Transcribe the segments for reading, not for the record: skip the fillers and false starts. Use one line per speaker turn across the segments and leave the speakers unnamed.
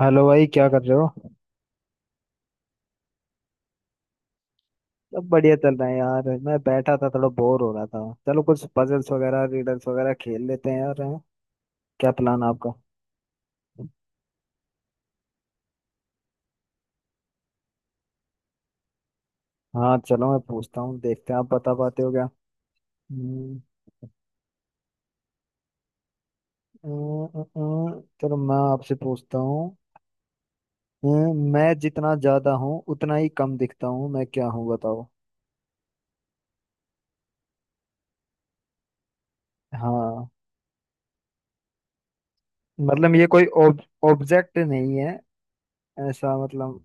Hello भाई, क्या कर रहे हो? सब बढ़िया चल रहा है यार। मैं बैठा था, थोड़ा बोर हो रहा था। चलो कुछ पजल्स वगैरह रीडल्स वगैरह खेल लेते हैं यार, हैं? क्या प्लान है आपका? हाँ चलो, मैं पूछता हूँ। देखते हैं आप बता पाते हो क्या। हम्म, चलो मैं आपसे पूछता हूँ। अ, मैं जितना ज्यादा हूँ उतना ही कम दिखता हूँ। मैं क्या हूँ बताओ। हाँ मतलब, ये कोई ऑब्जेक्ट नहीं है, ऐसा मतलब।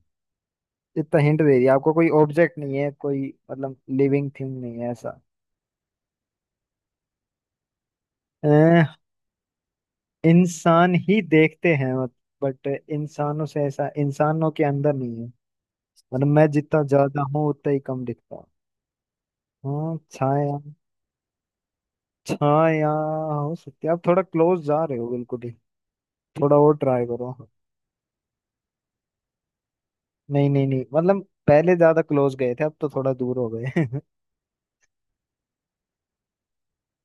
इतना हिंट दे दिया आपको, कोई ऑब्जेक्ट नहीं है, कोई मतलब लिविंग थिंग नहीं है, ऐसा। इंसान ही देखते हैं, बट इंसानों से ऐसा, इंसानों के अंदर नहीं है मतलब। मैं जितना ज्यादा हूँ उतना ही कम दिखता हूँ। हाँ छाया। छाया हो सकती है, आप थोड़ा क्लोज जा रहे हो, बिल्कुल ही। थोड़ा और ट्राई करो। नहीं नहीं नहीं, मतलब पहले ज्यादा क्लोज गए थे, अब तो थोड़ा दूर हो गए।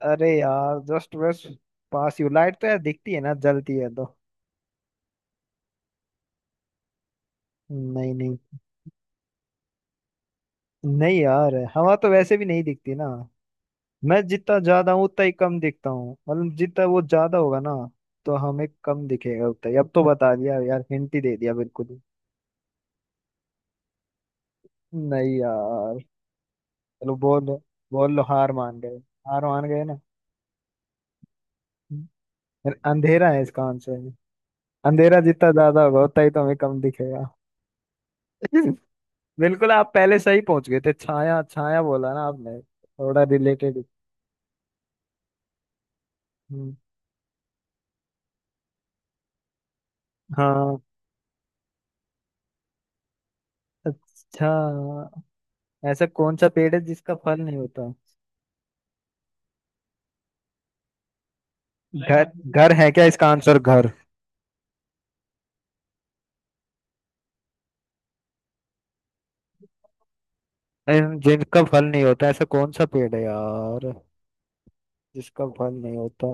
अरे यार, जस्ट बस पास यू। लाइट तो यार दिखती है ना, जलती है तो। नहीं नहीं नहीं, यार हवा तो वैसे भी नहीं दिखती ना। मैं जितना ज्यादा हूँ उतना ही कम दिखता हूँ मतलब, जितना वो ज्यादा होगा ना, तो हमें कम दिखेगा उतना ही। अब तो बता दिया यार, हिंट ही दे दिया बिल्कुल ही। नहीं यार। चलो बोल लो। बोल लो, हार मान गए? हार मान गए ना? फिर अंधेरा है इसका आंसर। अंधेरा जितना ज्यादा होगा उतना ही तो हमें कम दिखेगा। बिल्कुल, आप पहले सही पहुंच गए थे। छाया, छाया बोला ना आपने, थोड़ा रिलेटेड। हाँ। अच्छा, ऐसा कौन सा पेड़ है जिसका फल नहीं होता? घर? घर है क्या इसका आंसर, घर? अरे, जिनका फल नहीं होता, ऐसा कौन सा पेड़ है यार जिसका फल नहीं होता?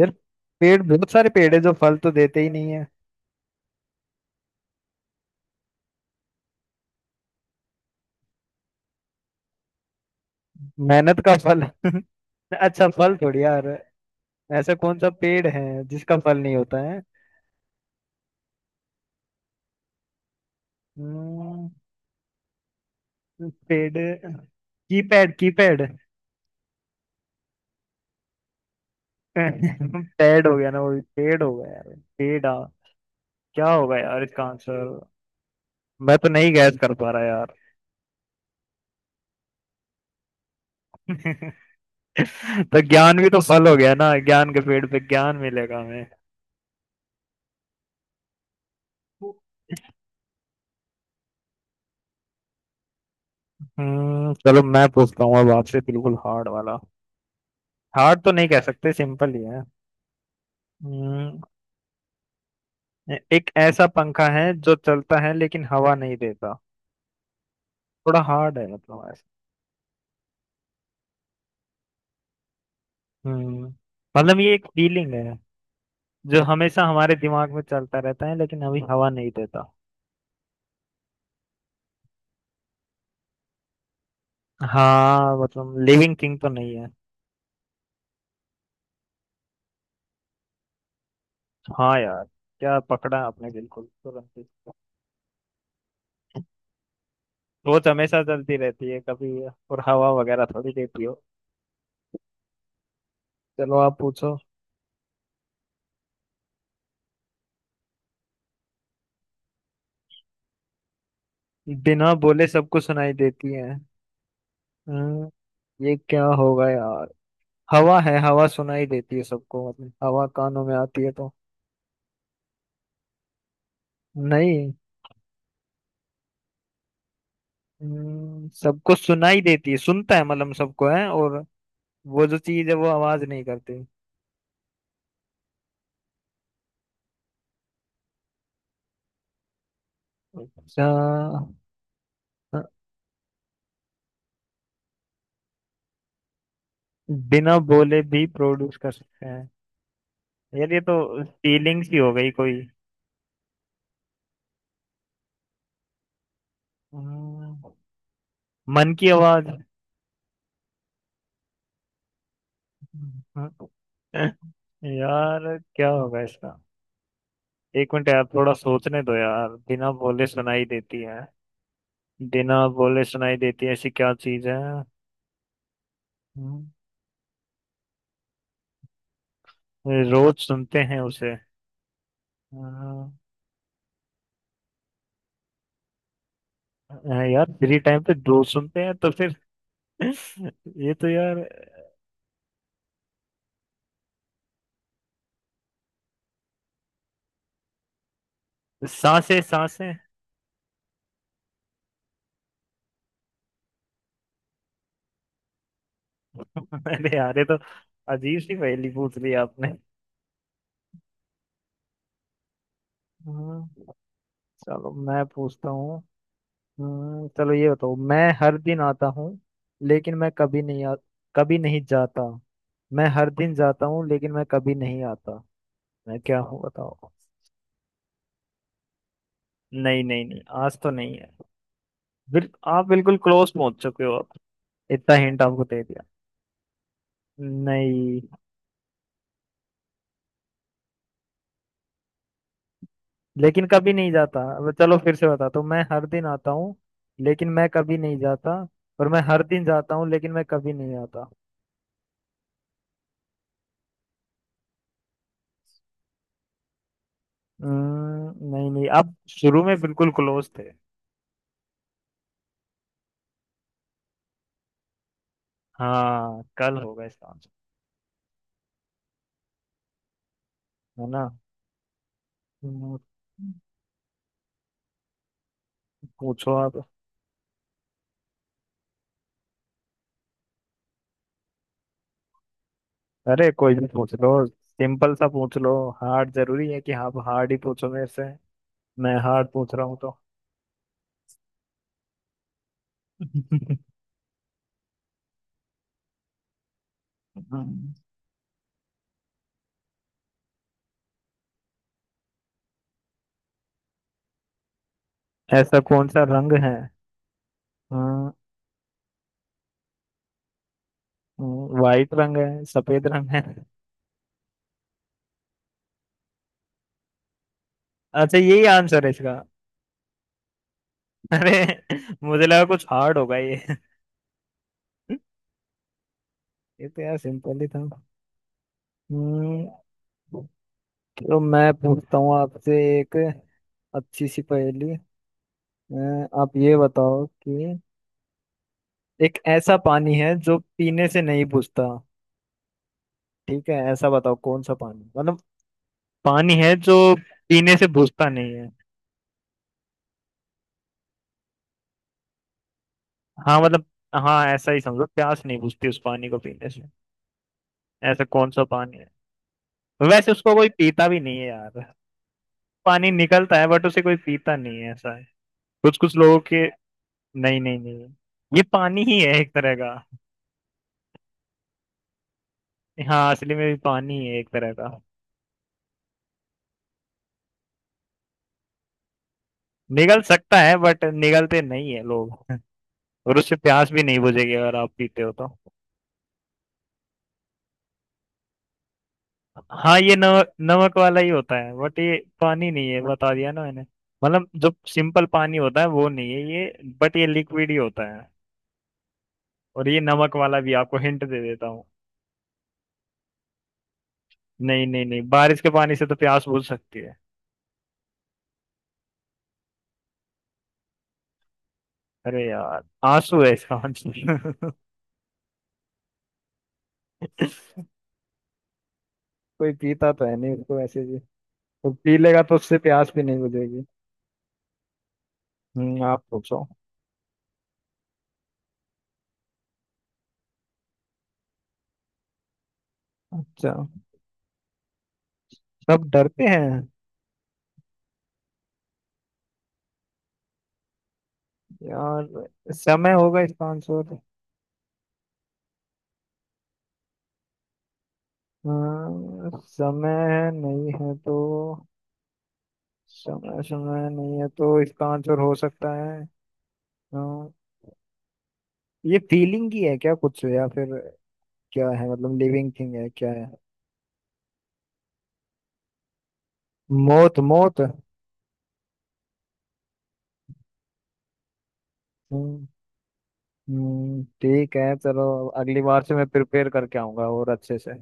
यार पेड़, बहुत सारे पेड़ है जो फल तो देते ही नहीं है। मेहनत का फल? अच्छा फल थोड़ी यार। ऐसा कौन सा पेड़ है जिसका फल नहीं होता है? हम्म, पेड़। Keypad, keypad. पैड हो गया ना वो भी, पेड़ हो गया यार। पेड़ आ, क्या होगा यार इसका आंसर। मैं तो नहीं गैस कर पा रहा यार। तो ज्ञान भी तो फल हो गया ना, ज्ञान के पेड़ पे ज्ञान मिलेगा हमें। चलो, मैं पूछता हूँ अब आपसे बिल्कुल हार्ड वाला। हार्ड तो नहीं कह सकते, सिंपल ही है। हम्म एक ऐसा पंखा है जो चलता है लेकिन हवा नहीं देता। थोड़ा हार्ड है मतलब, ऐसा। हम्म मतलब ये एक फीलिंग है, जो हमेशा हमारे दिमाग में चलता रहता है लेकिन अभी हवा नहीं देता। हाँ मतलब, लिविंग थिंग तो नहीं है। हाँ यार, क्या पकड़ा आपने बिल्कुल तुरंत ही। सोच हमेशा चलती रहती है कभी, और हवा वगैरह थोड़ी देती हो। चलो आप पूछो। बिना बोले सबको सुनाई देती है। हम्म, ये क्या होगा यार। हवा है, हवा सुनाई देती है सबको मतलब, हवा कानों में आती है तो। नहीं। सबको सुनाई देती है, सुनता है मतलब सबको है, और वो जो चीज है वो आवाज नहीं करती। अच्छा। हाँ। बिना बोले भी प्रोड्यूस कर सकते हैं? यार ये तो फीलिंग्स ही हो गई कोई। हम्म, मन की आवाज। यार क्या होगा इसका। एक मिनट यार, थोड़ा सोचने दो यार। बिना बोले सुनाई देती है, बिना बोले सुनाई देती है ऐसी क्या चीज है। हम्म, रोज सुनते हैं उसे। हाँ। हाँ, यार फ्री टाइम पे रोज सुनते हैं तो फिर? ये तो यार। सांसें, सांसें। अरे यार, ये तो अजीब सी पहेली पूछ ली आपने। हाँ, चलो मैं पूछता हूँ। चलो ये बताओ, मैं हर दिन आता हूँ लेकिन मैं कभी नहीं कभी नहीं जाता। मैं हर दिन जाता हूँ लेकिन मैं कभी नहीं आता। मैं क्या हूँ बताओ। नहीं नहीं नहीं, आज तो नहीं है। आप बिल्कुल क्लोज पहुंच चुके हो आप, इतना हिंट आपको दे दिया। नहीं, लेकिन कभी नहीं जाता। अब चलो फिर से बताता हूँ, मैं हर दिन आता हूँ लेकिन मैं कभी नहीं जाता, और मैं हर दिन जाता हूँ लेकिन मैं कभी नहीं आता। नहीं नहीं, आप शुरू में बिल्कुल क्लोज थे। हाँ, कल होगा इसका आंसर, है ना। हम्म, पूछो आप। अरे कोई भी पूछ लो, सिंपल सा पूछ लो। हार्ड जरूरी है कि आप हार्ड ही पूछो मेरे से? मैं हार्ड पूछ रहा हूँ तो। ऐसा कौन सा रंग है? हाँ, वाइट रंग है, सफेद रंग है। अच्छा, यही आंसर है इसका? अरे, मुझे लगा कुछ हार्ड होगा ये। ये तो यार सिंपल ही था। हम्म, तो मैं पूछता हूँ आपसे एक अच्छी सी पहेली। अ, आप ये बताओ कि एक ऐसा पानी है जो पीने से नहीं बुझता। ठीक है, ऐसा बताओ कौन सा पानी मतलब, पानी है जो पीने से बुझता नहीं है। हाँ मतलब, हाँ ऐसा ही समझो, प्यास नहीं बुझती उस पानी को पीने से। ऐसा कौन सा पानी है? वैसे उसको कोई पीता भी नहीं है यार। पानी निकलता है बट उसे कोई पीता नहीं है, ऐसा है। कुछ कुछ लोगों के। नहीं नहीं नहीं, ये पानी ही है एक तरह का। हाँ, असली में भी पानी ही है एक तरह का। निगल सकता है बट निगलते नहीं है लोग, और उससे प्यास भी नहीं बुझेगी अगर आप पीते हो तो। हाँ, ये नमक, नमक वाला ही होता है बट ये पानी नहीं है, बता दिया ना मैंने। मतलब जो सिंपल पानी होता है वो नहीं है ये, बट ये लिक्विड ही होता है। और ये नमक वाला भी, आपको हिंट दे देता हूँ। नहीं नहीं नहीं, बारिश के पानी से तो प्यास बुझ सकती है। अरे यार, आंसू है इसका, आंसू। कोई पीता तो है नहीं उसको ऐसे भी, तो पी लेगा तो उससे प्यास भी नहीं बुझेगी। आप पूछो। अच्छा, सब डरते हैं? यार समय होगा इसका आंसर। हाँ, समय है, नहीं है तो समय, समय नहीं है तो इसका आंसर हो सकता है। हाँ, ये फीलिंग ही है क्या कुछ, या फिर क्या है मतलब, लिविंग थिंग है, क्या है? मौत, मौत। हम्म, ठीक है चलो। अगली बार से मैं प्रिपेयर करके आऊंगा और अच्छे से।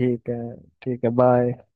ठीक है। ठीक है, बाय।